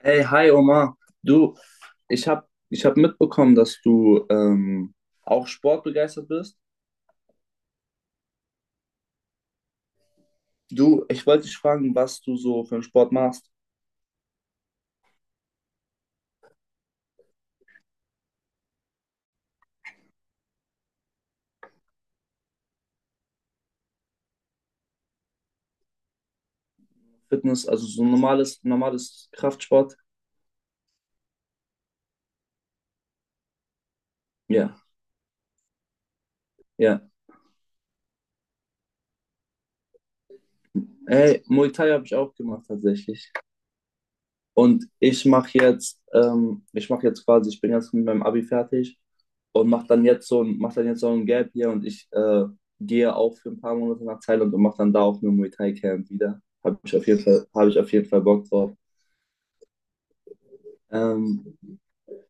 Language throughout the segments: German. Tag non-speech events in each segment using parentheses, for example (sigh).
Hey, hi Omar. Du, ich hab mitbekommen, dass du auch sportbegeistert bist. Du, ich wollte dich fragen, was du so für einen Sport machst. Fitness, also so normales Kraftsport. Ja, ja. Hey, Muay Thai habe ich auch gemacht tatsächlich. Und ich mache jetzt, ich bin jetzt mit meinem Abi fertig und mache dann jetzt so ein, mach dann jetzt so ein Gap hier und ich gehe auch für ein paar Monate nach Thailand und mache dann da auch nur Muay Thai Camp wieder. Habe ich auf jeden Fall Bock drauf. Ähm,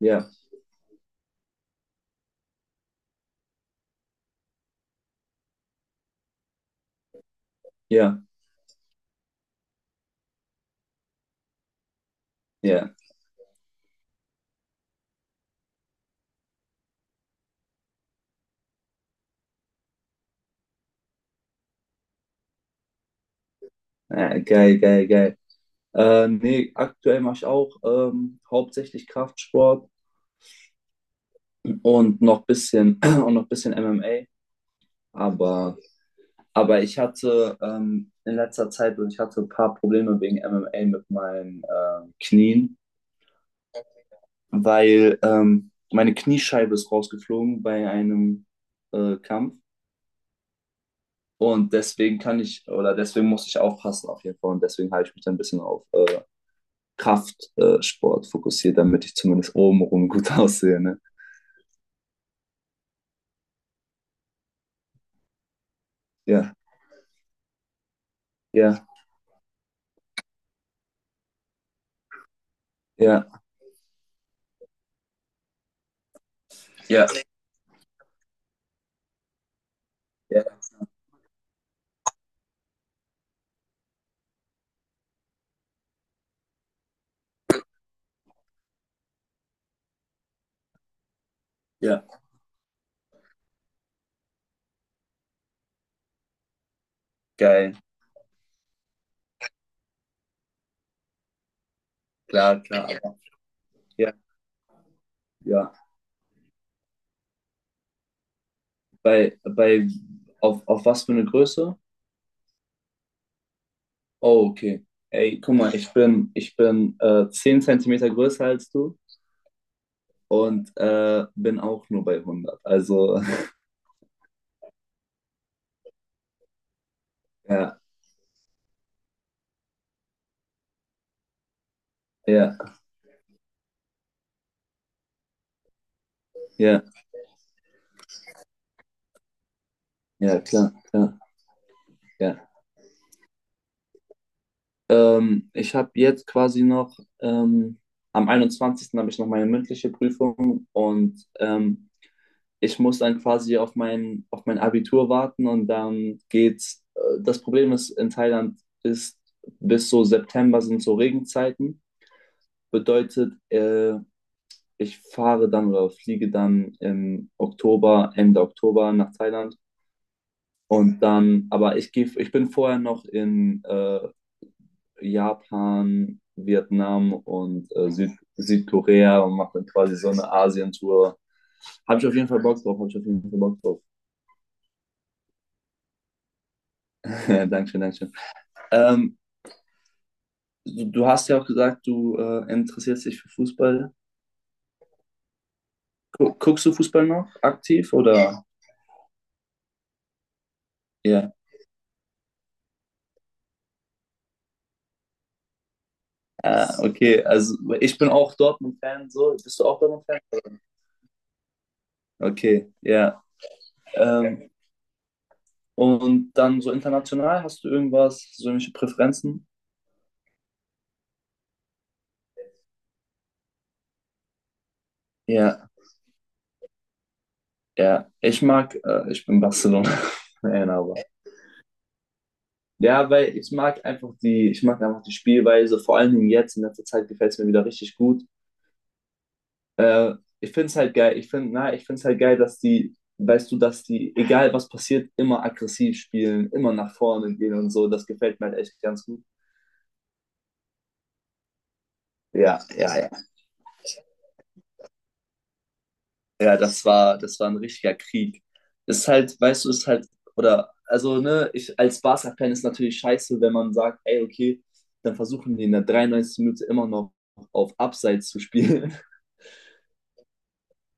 ja, ja, ja. Geil, geil, geil. Nee, aktuell mache ich auch hauptsächlich Kraftsport und noch bisschen (clears throat) und noch bisschen MMA. Aber Aber ich hatte in letzter Zeit und ich hatte ein paar Probleme wegen MMA mit meinen Knien, weil meine Kniescheibe ist rausgeflogen bei einem Kampf. Und deswegen muss ich aufpassen auf jeden Fall. Und deswegen habe ich mich dann ein bisschen auf Kraftsport fokussiert, damit ich zumindest obenrum gut (laughs) aussehe. Ne? Ja, ja, ja, ja, ja, ja, geil, klar, klar. Aber ja, ja. Bei, bei, auf was für eine Größe? Oh, okay. Ey, guck mal, ich bin 10 Zentimeter größer als du und bin auch nur bei 100. Also, (laughs) ja, ja, ja, ja, klar, klar, ja. Ich habe jetzt quasi noch, am 21. habe ich noch meine mündliche Prüfung und ich muss dann quasi auf auf mein Abitur warten und dann geht's. Das Problem ist, in Thailand ist bis so September sind so Regenzeiten. Bedeutet, ich fahre dann oder fliege dann im Oktober, Ende Oktober nach Thailand. Und dann, ich bin vorher noch in Japan, Vietnam und Südkorea und mache dann quasi so eine Asientour. Habe ich auf jeden Fall Bock drauf, habe ich auf jeden Fall Bock drauf. (laughs) Dankeschön, Dankeschön. Ähm, du, du hast ja auch gesagt, du interessierst dich für Fußball. Gu Guckst du Fußball noch aktiv oder? Ja. Ah, okay, also ich bin auch Dortmund-Fan, so. Bist du auch Dortmund-Fan? Okay, ja. Ähm, und dann so international, hast du irgendwas, so irgendwelche Präferenzen? Ja, ja. Ich mag, ich bin Barcelona-Fan, (laughs) aber. Ja, weil ich mag einfach die Spielweise, vor allen Dingen jetzt in letzter Zeit gefällt es mir wieder richtig gut. Äh, ich finde es halt geil, ich finde es halt geil, dass die, weißt du, dass die, egal was passiert, immer aggressiv spielen, immer nach vorne gehen und so. Das gefällt mir halt echt ganz gut. Ja, ja, ja. Ja, das war ein richtiger Krieg. Ist halt, weißt du, ist halt, oder, also, Ne, ich als Barca-Fan ist natürlich scheiße, wenn man sagt, ey, okay, dann versuchen die in der 93. Minute immer noch auf Abseits zu spielen.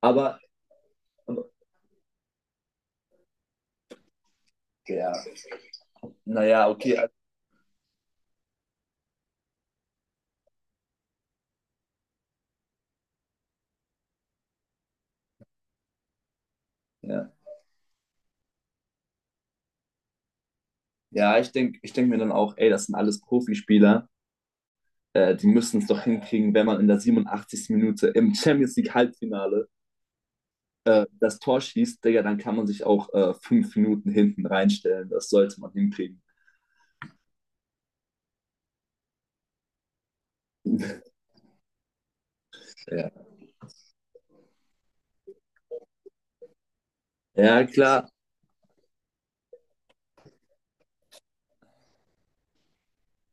(laughs) Aber, ja, okay, also, ja. Ja, ich denk mir dann auch, ey, das sind alles Profispieler. Die müssen es doch hinkriegen, wenn man in der 87. Minute im Champions League Halbfinale das Tor schießt, Digga, dann kann man sich auch 5 Minuten hinten reinstellen. Das sollte man hinkriegen. Ja, ja, klar.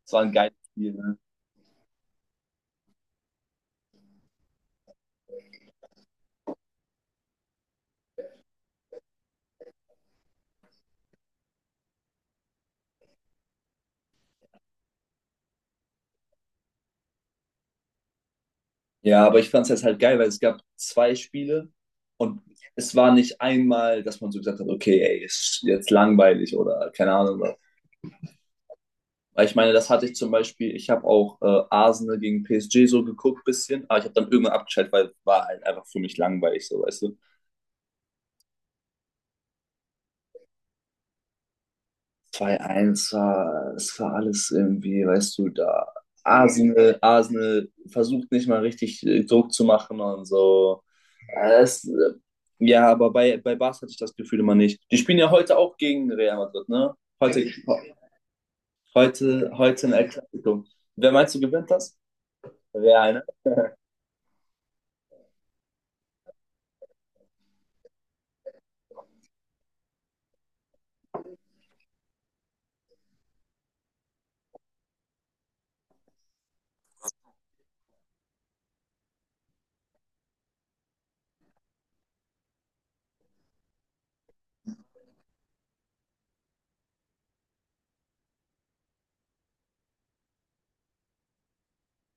Es war ein geiles Spiel. Ne? Ja, aber ich fand es jetzt halt geil, weil es gab zwei Spiele und es war nicht einmal, dass man so gesagt hat, okay, ey, ist jetzt langweilig oder keine Ahnung was. Weil ich meine, das hatte ich zum Beispiel, ich habe auch Arsenal gegen PSG so geguckt bisschen, aber ich habe dann irgendwann abgeschaltet, weil war halt einfach für mich langweilig, so weißt du. 2:1 war, es war alles irgendwie, weißt du, da Arsenal versucht nicht mal richtig Druck zu machen und so. Äh, Es, äh, ja, aber bei Barca hatte ich das Gefühl immer nicht. Die spielen ja heute auch gegen Real Madrid, ne? Heute, heute in El Clasico. Wer meinst du gewinnt das? Real, ne?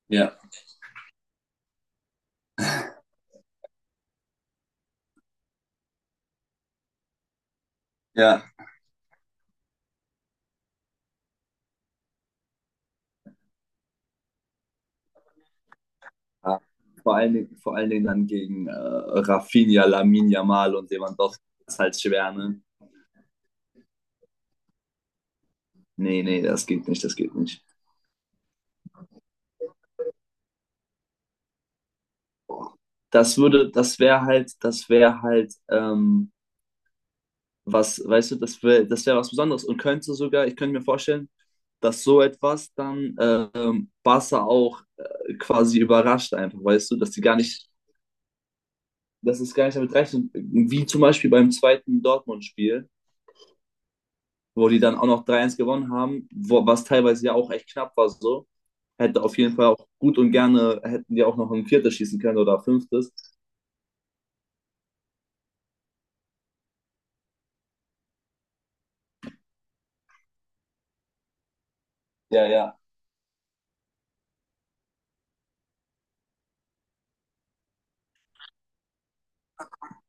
Ja, ja. Ja. Vor allen Dingen dann gegen Rafinha, Lamine Yamal und Lewandowski. Das ist halt schwer, ne? Nee, nee, das geht nicht, das geht nicht. Das würde, das wäre halt, weißt du, das wäre was Besonderes und könnte sogar, ich könnte mir vorstellen, dass so etwas dann Barca auch quasi überrascht einfach, weißt du, dass die gar nicht, dass es gar nicht damit rechnen, wie zum Beispiel beim zweiten Dortmund-Spiel, wo die dann auch noch 3-1 gewonnen haben, wo, was teilweise ja auch echt knapp war so, hätte auf jeden Fall auch gut und gerne, hätten die auch noch ein viertes schießen können oder fünftes. Ja, ja.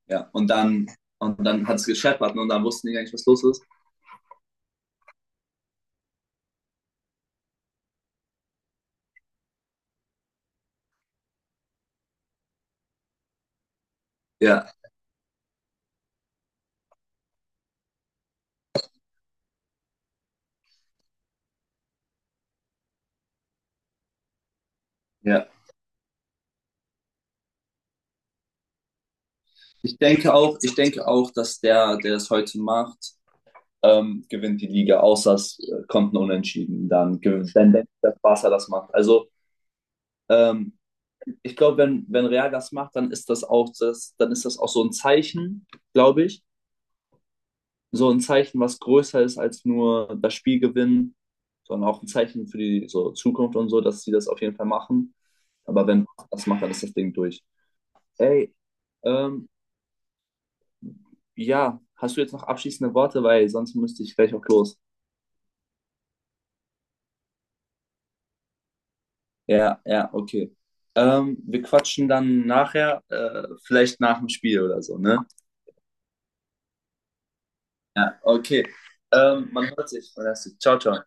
Ja, und dann hat es gescheppert, ne? Und dann wussten die gar nicht, was los ist. Ja, ja. Ich denke auch, dass der es heute macht, gewinnt die Liga, außer es kommt ein Unentschieden. Dann denke ich, dass Barca das macht. Also ähm, ich glaube, wenn Real das macht, dann ist dann ist das auch so ein Zeichen, glaube ich. So ein Zeichen, was größer ist als nur das Spiel gewinnen, sondern auch ein Zeichen für die so Zukunft und so, dass sie das auf jeden Fall machen. Aber wenn das macht, dann ist das Ding durch. Ey, ähm, ja, hast du jetzt noch abschließende Worte, weil sonst müsste ich gleich auch los. Ja, ja, okay. Wir quatschen dann nachher, vielleicht nach dem Spiel oder so, ne? Ja, okay. Man hört sich. Man hört sich. Ciao, ciao.